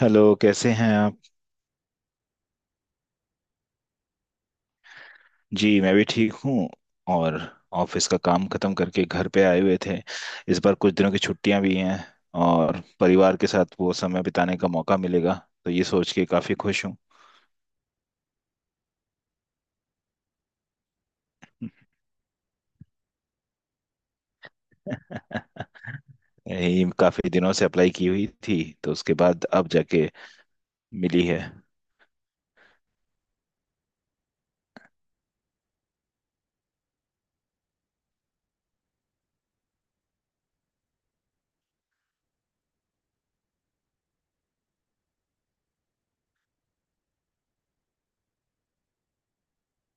Hello, कैसे हैं आप। जी मैं भी ठीक हूँ। और ऑफिस का काम खत्म करके घर पे आए हुए थे। इस बार कुछ दिनों की छुट्टियां भी हैं और परिवार के साथ वो समय बिताने का मौका मिलेगा, तो ये सोच के काफी खुश हूँ। यही काफी दिनों से अप्लाई की हुई थी तो उसके बाद अब जाके मिली है।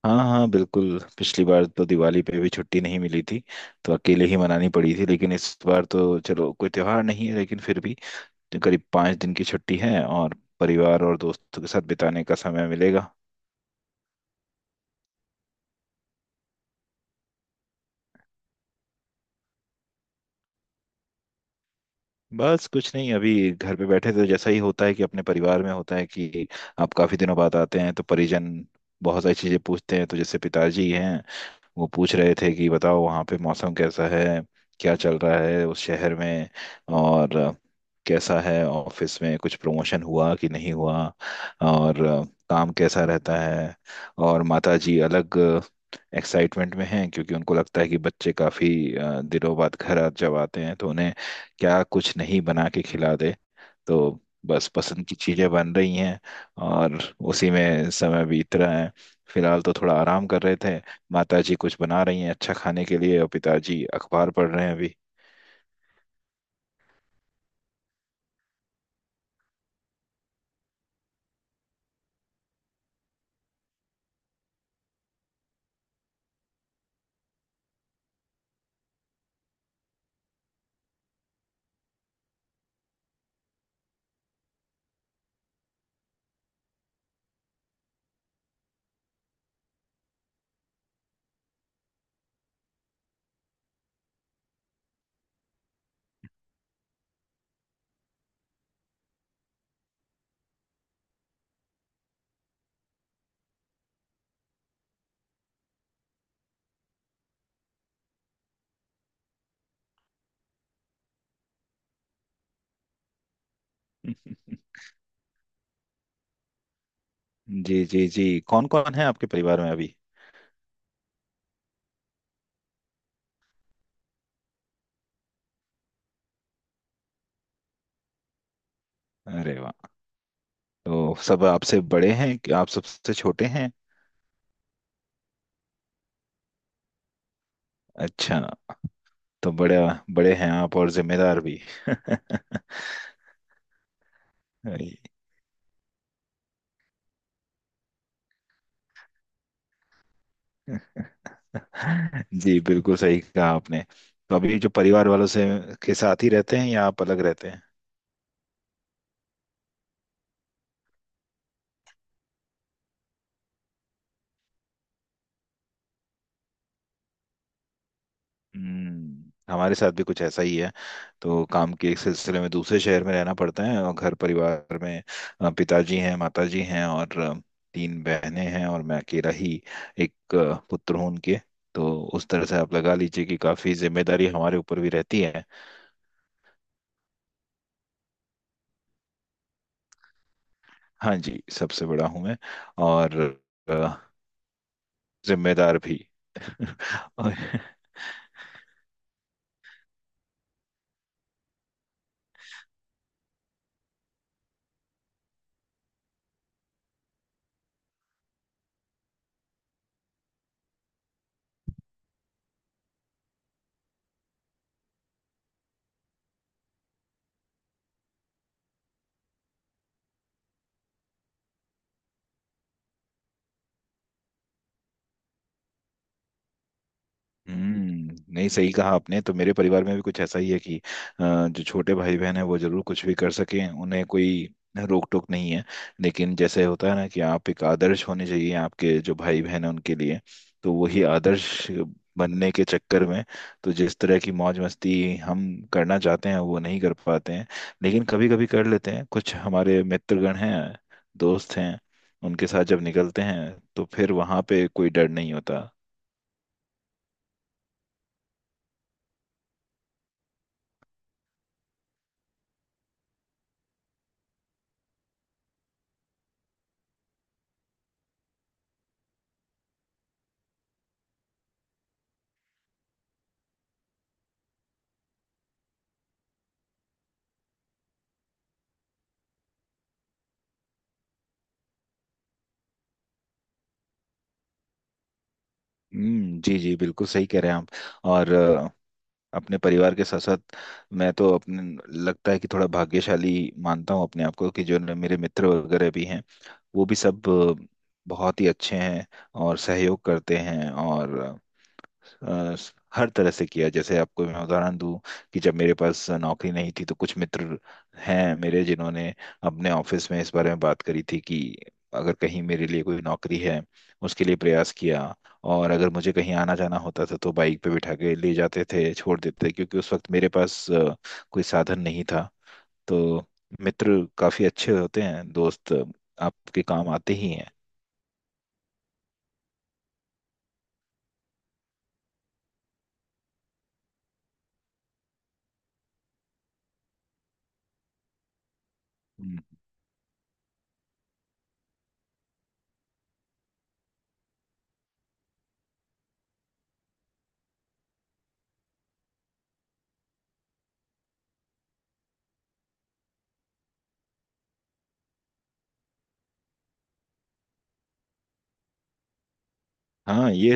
हाँ हाँ बिल्कुल, पिछली बार तो दिवाली पे भी छुट्टी नहीं मिली थी, तो अकेले ही मनानी पड़ी थी। लेकिन इस बार तो चलो कोई त्योहार नहीं है, लेकिन फिर भी करीब 5 दिन की छुट्टी है और परिवार और दोस्तों के साथ बिताने का समय मिलेगा। बस कुछ नहीं, अभी घर पे बैठे थे, तो जैसा ही होता है कि अपने परिवार में होता है कि आप काफी दिनों बाद आते हैं तो परिजन बहुत सारी चीजें पूछते हैं। तो जैसे पिताजी हैं, वो पूछ रहे थे कि बताओ वहाँ पे मौसम कैसा है, क्या चल रहा है उस शहर में, और कैसा है ऑफिस में, कुछ प्रमोशन हुआ कि नहीं हुआ, और काम कैसा रहता है। और माता जी अलग एक्साइटमेंट में हैं, क्योंकि उनको लगता है कि बच्चे काफी दिनों बाद घर जब आते हैं तो उन्हें क्या कुछ नहीं बना के खिला दे। तो बस पसंद की चीजें बन रही हैं और उसी में समय बीत रहा है। फिलहाल तो थोड़ा आराम कर रहे थे। माताजी कुछ बना रही हैं अच्छा खाने के लिए, और पिताजी अखबार पढ़ रहे हैं अभी। जी जी जी, कौन कौन है आपके परिवार में अभी। अरे वाह, तो सब आपसे बड़े हैं कि आप सबसे छोटे हैं। अच्छा, तो बड़े बड़े हैं आप, और जिम्मेदार भी। जी बिल्कुल सही कहा आपने। तो अभी जो परिवार वालों से के साथ ही रहते हैं या आप अलग रहते हैं। हम्म, हमारे साथ भी कुछ ऐसा ही है। तो काम के एक सिलसिले में दूसरे शहर में रहना पड़ता है, और घर परिवार में पिताजी हैं, माताजी हैं, और 3 बहनें हैं, और मैं अकेला ही एक पुत्र हूं उनके। तो उस तरह से आप लगा लीजिए कि काफी जिम्मेदारी हमारे ऊपर भी रहती है। हाँ जी, सबसे बड़ा हूं मैं, और अ, जिम्मेदार भी। और हम्म, नहीं, सही कहा आपने। तो मेरे परिवार में भी कुछ ऐसा ही है कि जो छोटे भाई बहन है, वो जरूर कुछ भी कर सकें, उन्हें कोई रोक टोक नहीं है। लेकिन जैसे होता है ना कि आप एक आदर्श होने चाहिए आपके जो भाई बहन है उनके लिए। तो वही आदर्श बनने के चक्कर में, तो जिस तरह की मौज मस्ती हम करना चाहते हैं वो नहीं कर पाते हैं। लेकिन कभी कभी कर लेते हैं। कुछ हमारे मित्रगण हैं, दोस्त हैं, उनके साथ जब निकलते हैं तो फिर वहां पे कोई डर नहीं होता। हम्म, जी जी बिल्कुल सही कह रहे हैं आप। और अपने परिवार के साथ साथ मैं तो अपने, लगता है कि थोड़ा भाग्यशाली मानता हूँ अपने आप को, कि जो मेरे मित्र वगैरह भी हैं, वो भी सब बहुत ही अच्छे हैं और सहयोग करते हैं, और अ, हर तरह से किया। जैसे आपको मैं उदाहरण दूं कि जब मेरे पास नौकरी नहीं थी तो कुछ मित्र हैं मेरे जिन्होंने अपने ऑफिस में इस बारे में बात करी थी कि अगर कहीं मेरे लिए कोई नौकरी है, उसके लिए प्रयास किया। और अगर मुझे कहीं आना जाना होता था तो बाइक पे बिठा के ले जाते थे, छोड़ देते थे, क्योंकि उस वक्त मेरे पास कोई साधन नहीं था। तो मित्र काफी अच्छे होते हैं, दोस्त आपके काम आते ही हैं। हम्म, हाँ ये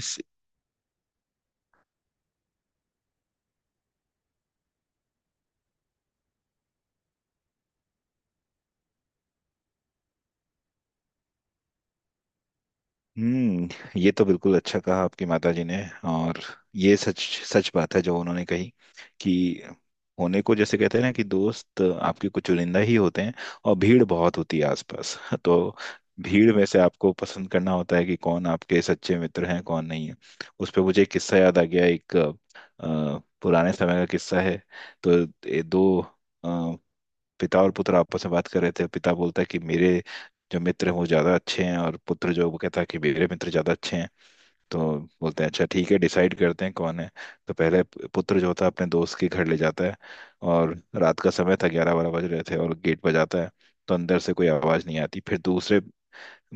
हम्म, ये तो बिल्कुल अच्छा कहा आपकी माताजी ने। और ये सच, सच बात है जो उन्होंने कही कि होने को जैसे कहते हैं ना कि दोस्त आपके कुछ चुनिंदा ही होते हैं, और भीड़ बहुत होती है आसपास। तो भीड़ में से आपको पसंद करना होता है कि कौन आपके सच्चे मित्र हैं, कौन नहीं है। उस पे मुझे एक किस्सा याद आ गया, एक पुराने समय का किस्सा है। तो ये दो, पिता और पुत्र आपस में बात कर रहे थे। पिता बोलता है कि मेरे जो मित्र हैं वो ज्यादा अच्छे हैं, और पुत्र जो वो कहता है कि मेरे मित्र ज्यादा अच्छे हैं। तो बोलते हैं, अच्छा ठीक है, डिसाइड करते हैं कौन है। तो पहले पुत्र जो होता है अपने दोस्त के घर ले जाता है। और रात का समय था, 11-12 बज रहे थे, और गेट बजाता है तो अंदर से कोई आवाज नहीं आती। फिर दूसरे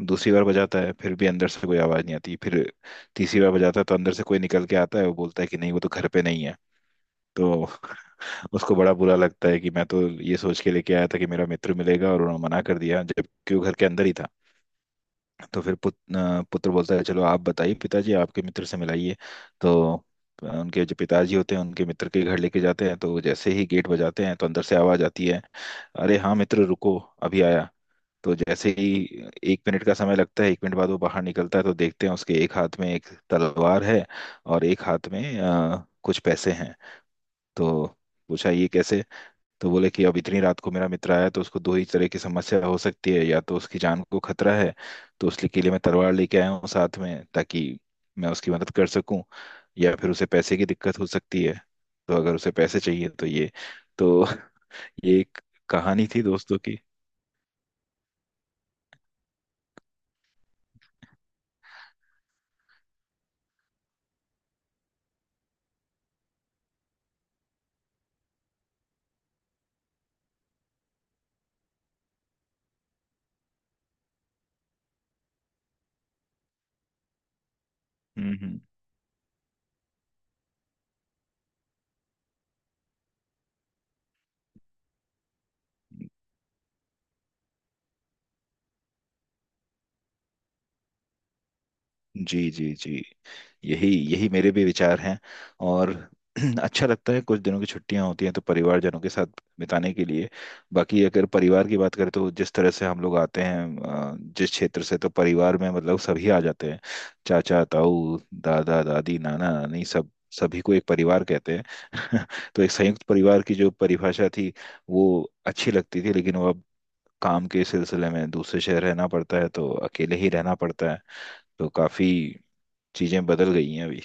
दूसरी बार बजाता है, फिर भी अंदर से कोई आवाज नहीं आती। फिर तीसरी बार बजाता है तो अंदर से कोई निकल के आता है, वो बोलता है कि नहीं वो तो घर पे नहीं है। तो उसको बड़ा बुरा लगता है कि मैं तो ये सोच के लेके आया था कि मेरा मित्र मिलेगा और उन्होंने मना कर दिया, जबकि वो घर के अंदर ही था। तो फिर पुत्र बोलता है, चलो आप बताइए पिताजी, आपके मित्र से मिलाइए। तो उनके जो पिताजी होते हैं उनके मित्र के घर लेके जाते हैं, तो जैसे ही गेट बजाते हैं तो अंदर से आवाज आती है, अरे हाँ मित्र रुको, अभी आया। तो जैसे ही 1 मिनट का समय लगता है, 1 मिनट बाद वो बाहर निकलता है तो देखते हैं उसके एक हाथ में एक तलवार है और एक हाथ में कुछ पैसे हैं। तो पूछा ये कैसे, तो बोले कि अब इतनी रात को मेरा मित्र आया है, तो उसको दो ही तरह की समस्या हो सकती है, या तो उसकी जान को खतरा है, तो उसके लिए मैं तलवार लेके आया हूँ साथ में, ताकि मैं उसकी मदद कर सकूं, या फिर उसे पैसे की दिक्कत हो सकती है, तो अगर उसे पैसे चाहिए तो ये। तो ये एक कहानी थी दोस्तों की। हम्म, जी जी जी, यही यही मेरे भी विचार हैं। और अच्छा लगता है कुछ दिनों की छुट्टियां होती हैं तो परिवारजनों के साथ बिताने के लिए। बाकी अगर परिवार की बात करें तो जिस तरह से हम लोग आते हैं जिस क्षेत्र से, तो परिवार में मतलब सभी आ जाते हैं, चाचा ताऊ दादा दादी नाना नानी सब, सभी को एक परिवार कहते हैं। तो एक संयुक्त परिवार की जो परिभाषा थी वो अच्छी लगती थी, लेकिन वो अब, काम के सिलसिले में दूसरे शहर रहना पड़ता है तो अकेले ही रहना पड़ता है। तो काफी चीजें बदल गई हैं अभी।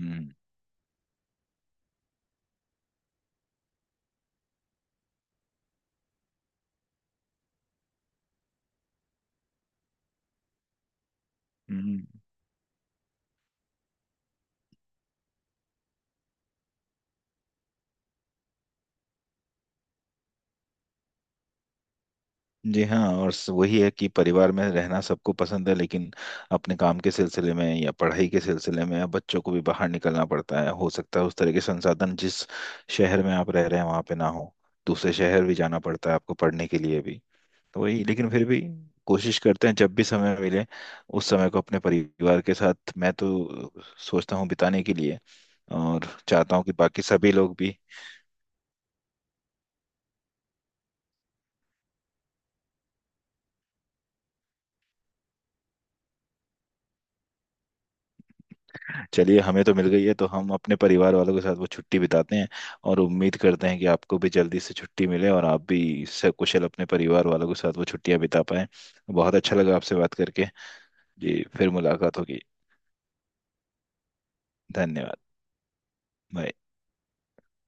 हम्म हम्म। जी हाँ, और वही है कि परिवार में रहना सबको पसंद है, लेकिन अपने काम के सिलसिले में या पढ़ाई के सिलसिले में या बच्चों को भी बाहर निकलना पड़ता है। हो सकता है उस तरह के संसाधन जिस शहर में आप रह रहे हैं वहाँ पे ना हो, दूसरे शहर भी जाना पड़ता है आपको पढ़ने के लिए भी। तो वही, लेकिन फिर भी कोशिश करते हैं जब भी समय मिले उस समय को अपने परिवार के साथ, मैं तो सोचता हूँ बिताने के लिए, और चाहता हूँ कि बाकी सभी लोग भी। चलिए, हमें तो मिल गई है तो हम अपने परिवार वालों के साथ वो छुट्टी बिताते हैं, और उम्मीद करते हैं कि आपको भी जल्दी से छुट्टी मिले और आप भी सकुशल अपने परिवार वालों के साथ वो छुट्टियां बिता पाएं। बहुत अच्छा लगा आपसे बात करके। जी, फिर मुलाकात होगी। धन्यवाद। बाय।